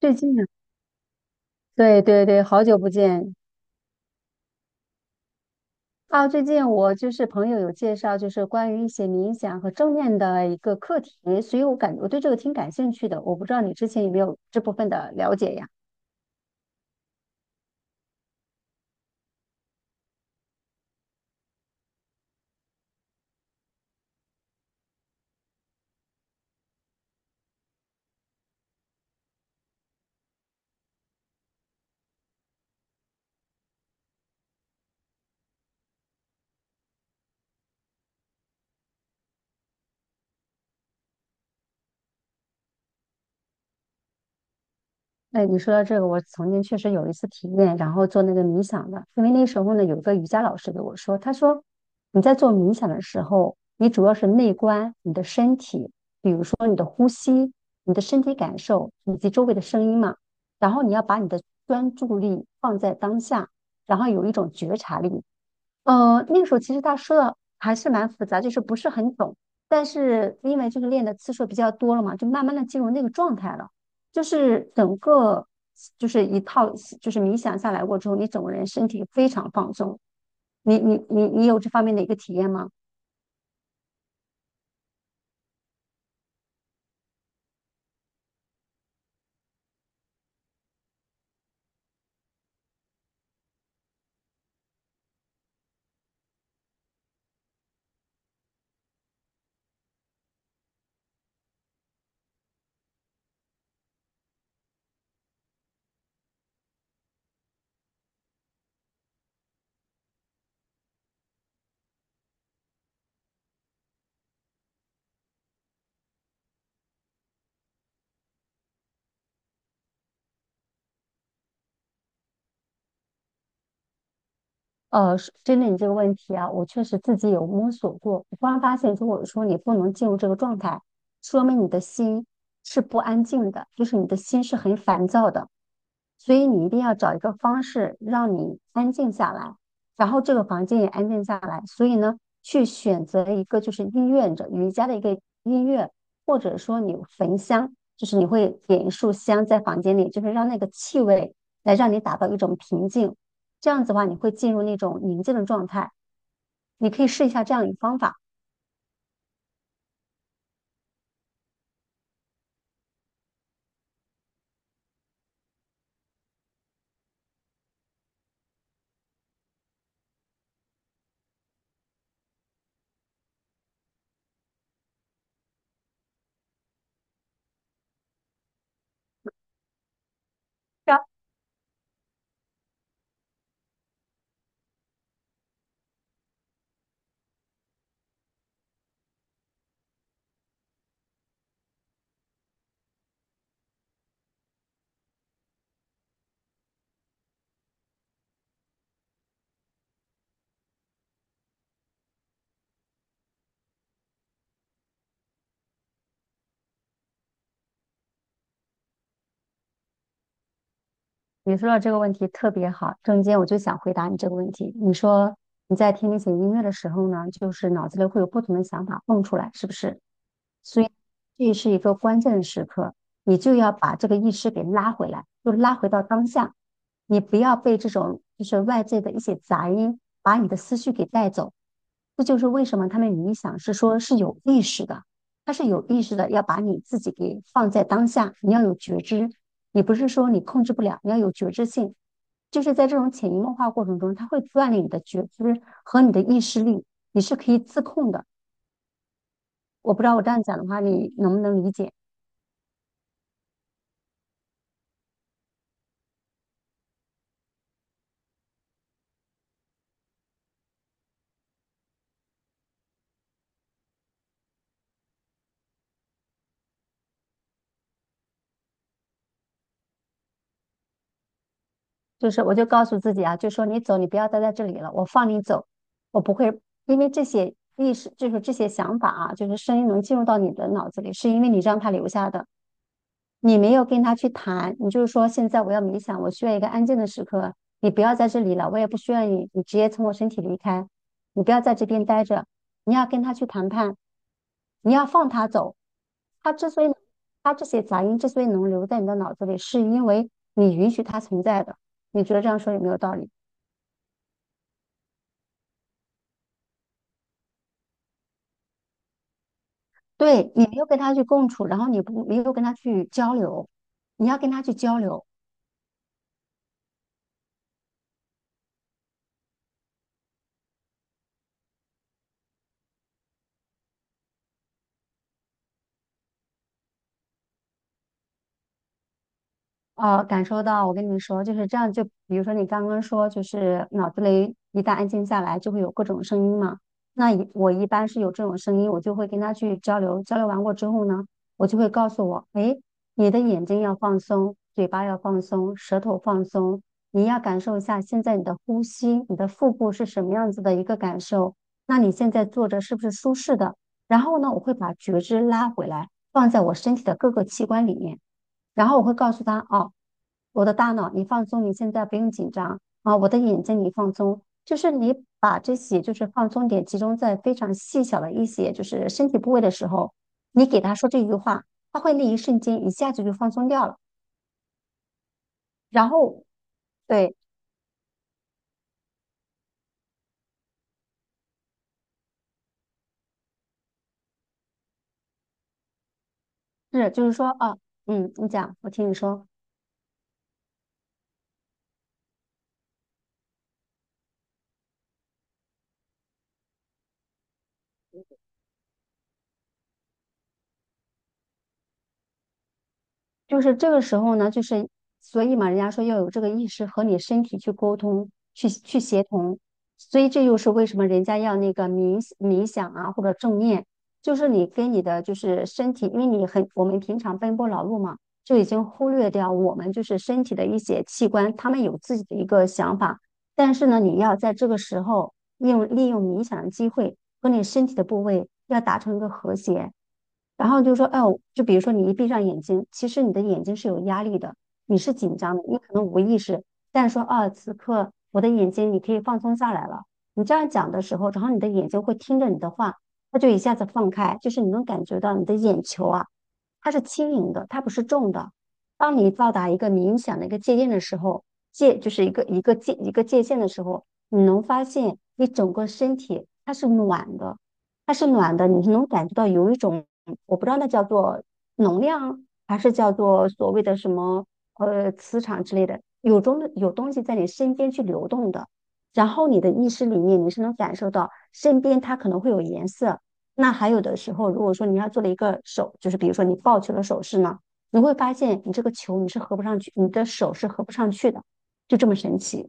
最近啊，对对对，好久不见啊！最近我就是朋友有介绍，就是关于一些冥想和正念的一个课题，所以我对这个挺感兴趣的。我不知道你之前有没有这部分的了解呀？哎，你说到这个，我曾经确实有一次体验，然后做那个冥想的，因为那时候呢，有一个瑜伽老师给我说，他说你在做冥想的时候，你主要是内观你的身体，比如说你的呼吸、你的身体感受以及周围的声音嘛，然后你要把你的专注力放在当下，然后有一种觉察力。那个时候其实他说的还是蛮复杂，就是不是很懂，但是因为就是练的次数比较多了嘛，就慢慢的进入那个状态了。就是整个就是一套就是冥想下来过之后，你整个人身体非常放松。你有这方面的一个体验吗？是针对你这个问题啊，我确实自己有摸索过。我突然发现，如果说你不能进入这个状态，说明你的心是不安静的，就是你的心是很烦躁的。所以你一定要找一个方式让你安静下来，然后这个房间也安静下来。所以呢，去选择一个就是音乐者，瑜伽的一个音乐，或者说你焚香，就是你会点一束香在房间里，就是让那个气味来让你达到一种平静。这样子的话，你会进入那种宁静的状态。你可以试一下这样一个方法。是啊，你说到这个问题特别好，中间我就想回答你这个问题。你说你在听那些音乐的时候呢，就是脑子里会有不同的想法蹦出来，是不是？所以这是一个关键的时刻，你就要把这个意识给拉回来，就拉回到当下。你不要被这种就是外界的一些杂音把你的思绪给带走。这就是为什么他们冥想是说是有意识的。他是有意识的，要把你自己给放在当下，你要有觉知，你不是说你控制不了，你要有觉知性。就是在这种潜移默化过程中，它会锻炼你的觉知和你的意识力，你是可以自控的。我不知道我这样讲的话，你能不能理解？就是我就告诉自己啊，就说你走，你不要待在这里了，我放你走，我不会因为这些意识，就是这些想法啊，就是声音能进入到你的脑子里，是因为你让它留下的。你没有跟他去谈，你就是说现在我要冥想，我需要一个安静的时刻，你不要在这里了，我也不需要你，你直接从我身体离开，你不要在这边待着，你要跟他去谈判，你要放他走。他之所以，他这些杂音之所以能留在你的脑子里，是因为你允许他存在的。你觉得这样说有没有道理？对，你没有跟他去共处，然后你不没有跟他去交流，你要跟他去交流。哦，感受到，我跟你说，就是这样。就比如说你刚刚说，就是脑子里一旦安静下来，就会有各种声音嘛。我一般是有这种声音，我就会跟他去交流。交流完过之后呢，我就会告诉我，诶，你的眼睛要放松，嘴巴要放松，舌头放松，你要感受一下现在你的呼吸，你的腹部是什么样子的一个感受。那你现在坐着是不是舒适的？然后呢，我会把觉知拉回来，放在我身体的各个器官里面。然后我会告诉他，哦，我的大脑你放松，你现在不用紧张啊，我的眼睛你放松，就是你把这些就是放松点集中在非常细小的一些就是身体部位的时候，你给他说这句话，他会那一瞬间一下子就放松掉了。然后对，是就是说啊，嗯，你讲，我听你说。就是这个时候呢，就是所以嘛，人家说要有这个意识和你身体去沟通，去协同，所以这又是为什么人家要那个冥想啊，或者正念，就是你跟你的就是身体，因为你很我们平常奔波劳碌嘛，就已经忽略掉我们就是身体的一些器官，他们有自己的一个想法，但是呢，你要在这个时候利用冥想的机会和你身体的部位要达成一个和谐。然后就说，哦，就比如说你一闭上眼睛，其实你的眼睛是有压力的，你是紧张的，你可能无意识，但是说啊，此刻我的眼睛你可以放松下来了。你这样讲的时候，然后你的眼睛会听着你的话，它就一下子放开，就是你能感觉到你的眼球啊，它是轻盈的，它不是重的。当你到达一个冥想的一个界限的时候，界就是一个一个界一个界限的时候，你能发现你整个身体它是暖的。它是暖的，你是能感觉到有一种，我不知道那叫做能量，还是叫做所谓的什么磁场之类的，有东西在你身边去流动的，然后你的意识里面你是能感受到身边它可能会有颜色。那还有的时候，如果说你要做了一个手，就是比如说你抱球的手势呢，你会发现你这个球你是合不上去，你的手是合不上去的，就这么神奇。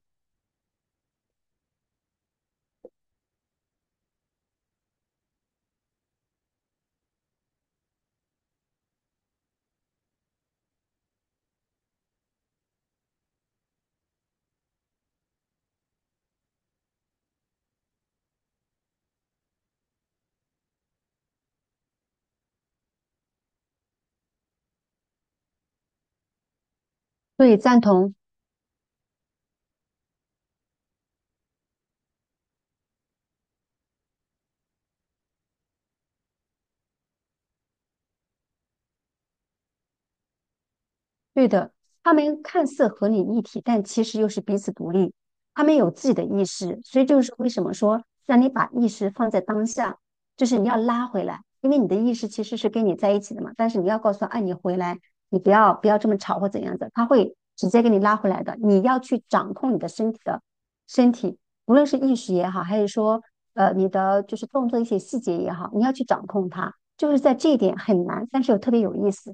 所以赞同。对的，他们看似合你一体，但其实又是彼此独立。他们有自己的意识，所以就是为什么说让你把意识放在当下，就是你要拉回来，因为你的意识其实是跟你在一起的嘛。但是你要告诉他，哎，你回来，你不要这么吵或怎样子，他会直接给你拉回来的。你要去掌控你的身体身体，无论是意识也好，还是说你的就是动作一些细节也好，你要去掌控它，就是在这一点很难，但是又特别有意思。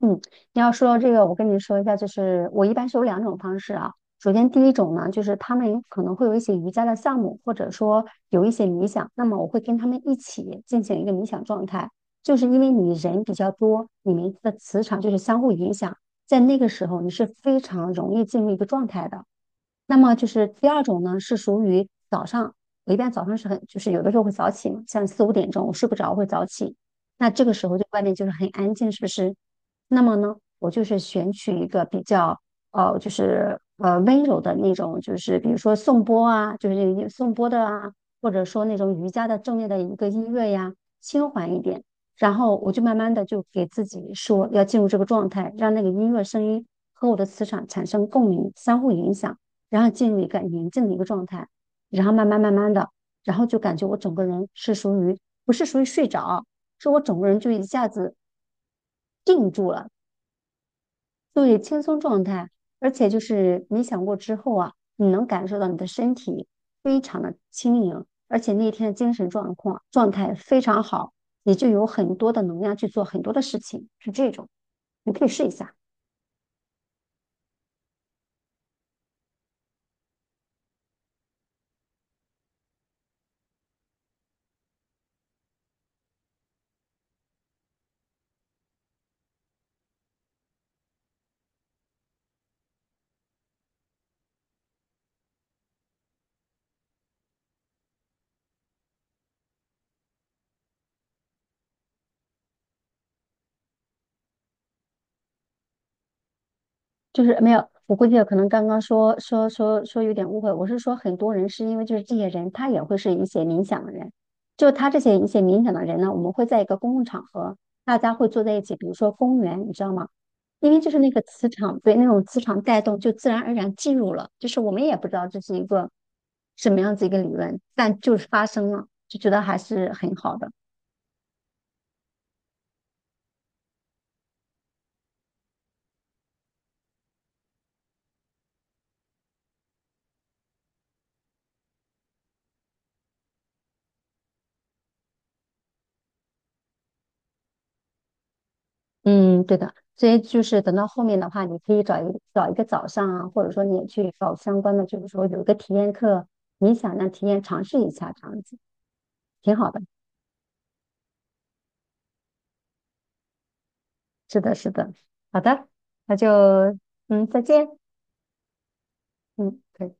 嗯，你要说到这个，我跟你说一下，就是我一般是有两种方式啊。首先，第一种呢，就是他们有可能会有一些瑜伽的项目，或者说有一些冥想，那么我会跟他们一起进行一个冥想状态，就是因为你人比较多，你们的磁场就是相互影响，在那个时候你是非常容易进入一个状态的。那么就是第二种呢，是属于早上，我一般早上是很，就是有的时候会早起嘛，像四五点钟我睡不着会早起，那这个时候就外面就是很安静，是不是？那么呢，我就是选取一个比较温柔的那种，就是比如说颂钵啊，就是颂钵的啊，或者说那种瑜伽的正念的一个音乐呀，轻缓一点，然后我就慢慢的就给自己说要进入这个状态，让那个音乐声音和我的磁场产生共鸣，相互影响。然后进入一个宁静的一个状态，然后慢慢的，然后就感觉我整个人是属于不是属于睡着，是我整个人就一下子定住了，对，轻松状态，而且就是冥想过之后啊，你能感受到你的身体非常的轻盈，而且那天的精神状态非常好，你就有很多的能量去做很多的事情，是这种，你可以试一下。就是没有，我估计可能刚刚说有点误会，我是说很多人是因为就是这些人他也会是一些冥想的人，就他这些一些冥想的人呢，我们会在一个公共场合，大家会坐在一起，比如说公园，你知道吗？因为就是那个磁场，被那种磁场带动，就自然而然进入了，就是我们也不知道这是一个什么样子一个理论，但就是发生了，就觉得还是很好的。嗯，对的，所以就是等到后面的话，你可以找一个早上啊，或者说你也去找相关的，就是说有一个体验课，你想让体验尝试一下这样子，挺好的。是的，是的，好的，那就嗯，再见，嗯，可以。